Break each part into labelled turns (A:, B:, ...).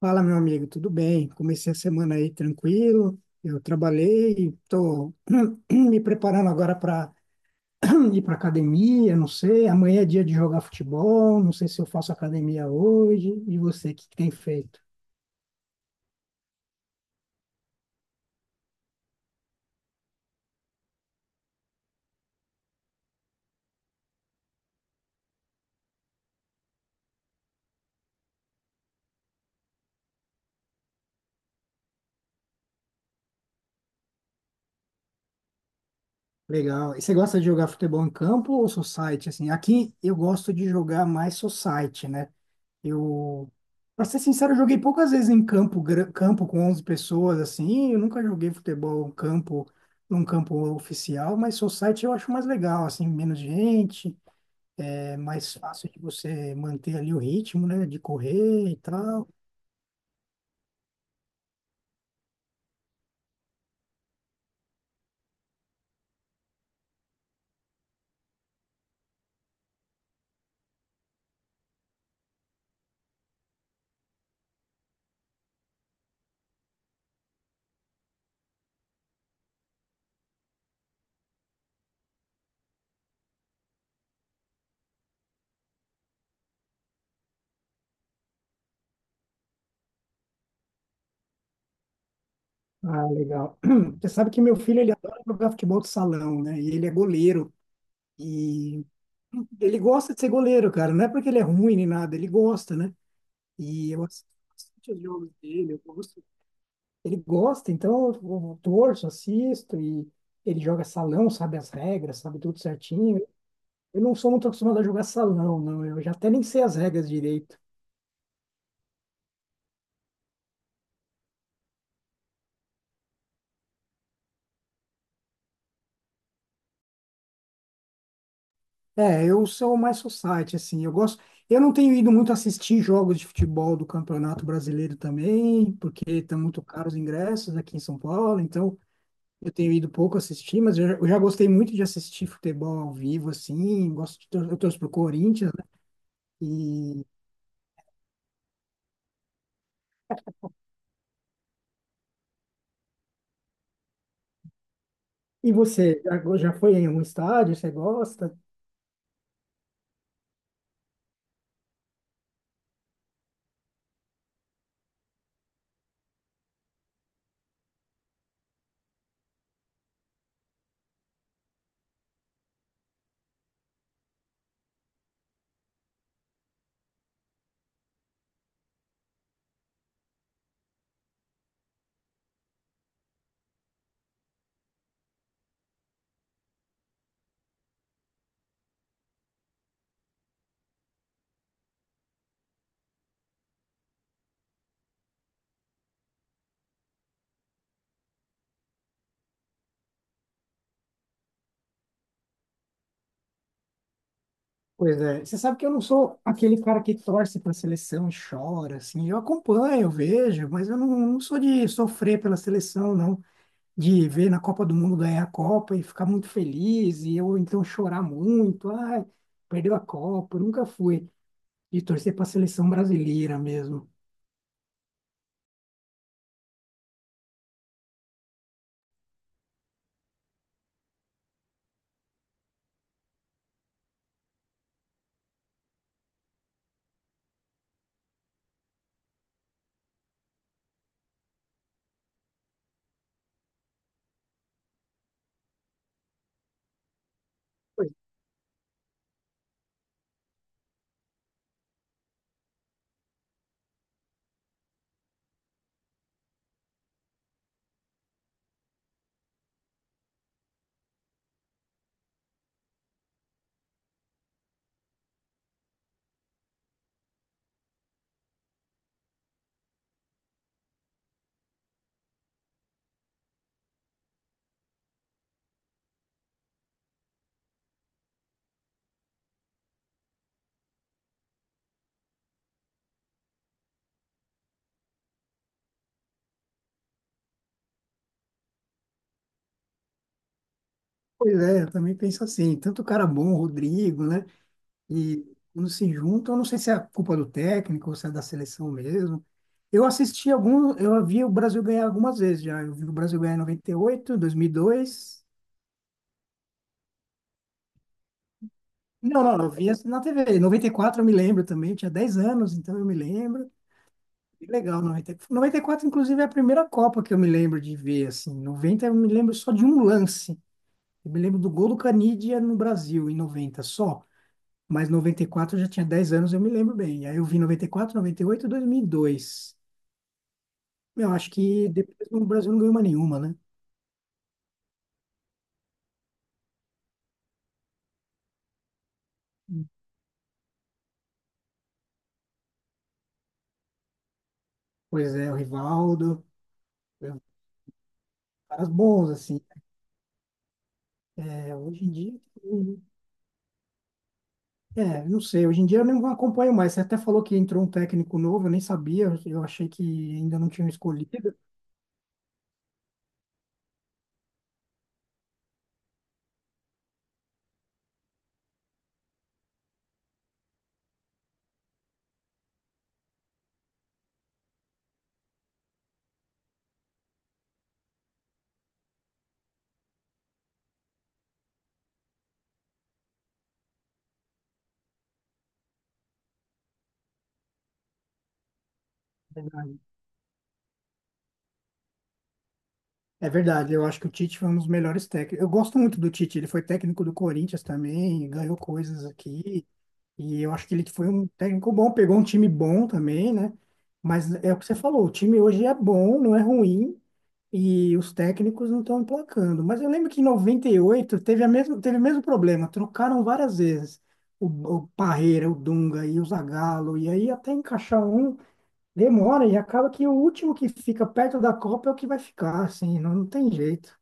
A: Fala, meu amigo, tudo bem? Comecei a semana aí tranquilo. Eu trabalhei, estou me preparando agora para ir para academia. Não sei, amanhã é dia de jogar futebol. Não sei se eu faço academia hoje. E você, o que que tem feito? Legal. E você gosta de jogar futebol em campo ou society? Assim, aqui eu gosto de jogar mais society, né? Eu, pra ser sincero, eu joguei poucas vezes em campo, campo com 11 pessoas, assim. Eu nunca joguei futebol em campo, num campo oficial, mas society eu acho mais legal, assim, menos gente, é mais fácil de você manter ali o ritmo, né, de correr e tal. Ah, legal. Você sabe que meu filho, ele adora jogar futebol de salão, né, e ele é goleiro. E ele gosta de ser goleiro, cara. Não é porque ele é ruim nem nada, ele gosta, né? E eu assisto bastante os jogos dele, eu gosto, ele gosta, então eu torço, assisto, e ele joga salão, sabe as regras, sabe tudo certinho. Eu não sou muito acostumado a jogar salão, não. Eu já até nem sei as regras direito. É, eu sou mais society, assim. Eu gosto. Eu não tenho ido muito assistir jogos de futebol do Campeonato Brasileiro também, porque estão muito caros os ingressos aqui em São Paulo, então eu tenho ido pouco assistir, mas eu já gostei muito de assistir futebol ao vivo, assim. Gosto de, eu torço pro Corinthians, né? E você, já foi em um estádio? Você gosta? Pois é. Você sabe que eu não sou aquele cara que torce para a seleção e chora, assim. Eu acompanho, eu vejo, mas eu não, não sou de sofrer pela seleção, não. De ver na Copa do Mundo ganhar a Copa e ficar muito feliz, e eu então chorar muito. Ai, perdeu a Copa. Eu nunca fui de torcer para a seleção brasileira mesmo. Pois pois é, eu também penso assim. Tanto cara bom, Rodrigo, né? E quando se juntam, eu não sei se é culpa do técnico ou se é da seleção mesmo. Eu assisti algum, eu vi o Brasil ganhar algumas vezes já. Eu vi o Brasil ganhar em noventa e oito, dois mil e dois. Não, não, eu vi assim na TV. Em 94, eu me lembro também, eu tinha 10 anos, então eu me lembro. Que legal, noventa e quatro, inclusive, é a primeira Copa que eu me lembro de ver, assim. 90, eu me lembro só de um lance. Eu me lembro do gol do Caniggia no Brasil, em 90 só. Mas 94 eu já tinha 10 anos, eu me lembro bem. Aí eu vi noventa e quatro, noventa e oito, e 2002. Eu acho que depois o Brasil não ganhou mais nenhuma, né? Pois é, o Rivaldo, eu- caras bons, assim. É, hoje em dia, é, não sei, hoje em dia eu não acompanho mais. Você até falou que entrou um técnico novo, eu nem sabia, eu achei que ainda não tinham escolhido. É verdade. É verdade, eu acho que o Tite foi um dos melhores técnicos. Eu gosto muito do Tite, ele foi técnico do Corinthians também, ganhou coisas aqui. E eu acho que ele foi um técnico bom, pegou um time bom também, né? Mas é o que você falou, o time hoje é bom, não é ruim, e os técnicos não estão emplacando. Mas eu lembro que em 98 teve a mesma, teve o mesmo problema, trocaram várias vezes o, o Parreira, o Dunga e o Zagallo, e aí até encaixar um demora, e acaba que o último que fica perto da Copa é o que vai ficar, assim, não, não tem jeito.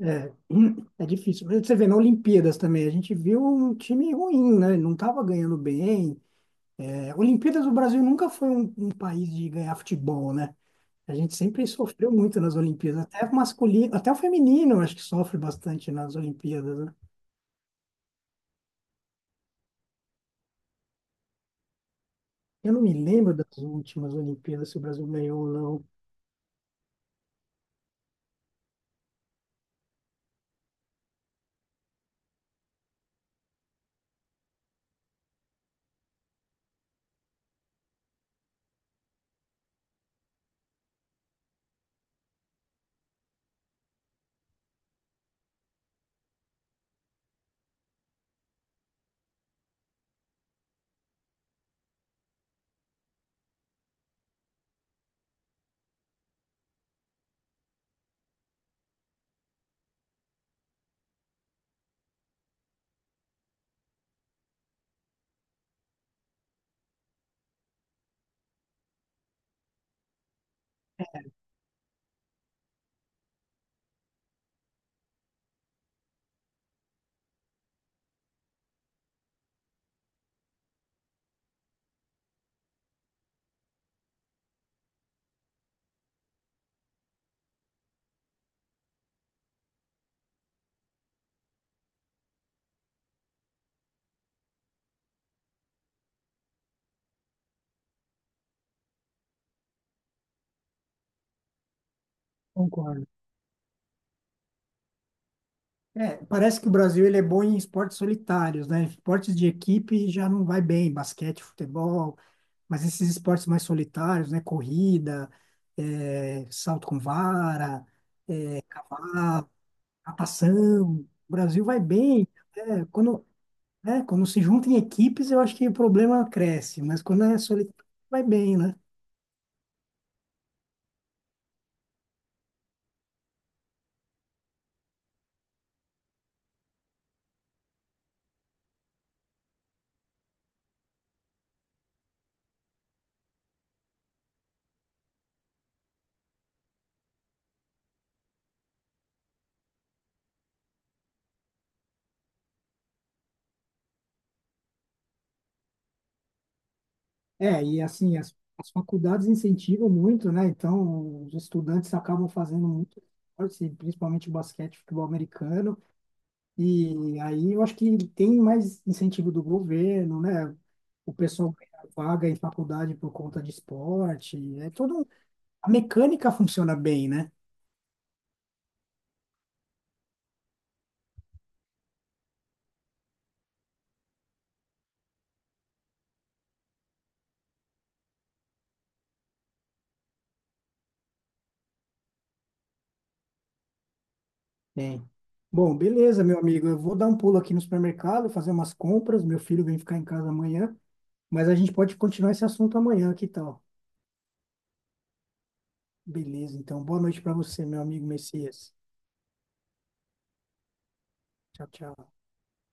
A: É, é difícil. Mas você vê, na Olimpíadas também, a gente viu um time ruim, né? Não estava ganhando bem, é, Olimpíadas, o Brasil nunca foi um país de ganhar futebol, né? A gente sempre sofreu muito nas Olimpíadas, até o masculino, até o feminino, eu acho que sofre bastante nas Olimpíadas, né? Eu não me lembro das últimas Olimpíadas, se o Brasil ganhou ou não. Concordo. É, parece que o Brasil ele é bom em esportes solitários, né? Esportes de equipe já não vai bem, basquete, futebol, mas esses esportes mais solitários, né? Corrida, é, salto com vara, é, cavalo, natação, o Brasil vai bem. É, quando, né, quando se junta em equipes, eu acho que o problema cresce, mas quando é solitário, vai bem, né? É, e assim, as faculdades incentivam muito, né? Então, os estudantes acabam fazendo muito esporte, principalmente basquete, futebol americano, e aí eu acho que tem mais incentivo do governo, né? O pessoal ganha vaga em faculdade por conta de esporte, é todo, a mecânica funciona bem, né? Tem. Bom, beleza, meu amigo. Eu vou dar um pulo aqui no supermercado, fazer umas compras. Meu filho vem ficar em casa amanhã, mas a gente pode continuar esse assunto amanhã, que tal? Beleza, então. Boa noite para você, meu amigo Messias. Tchau, tchau.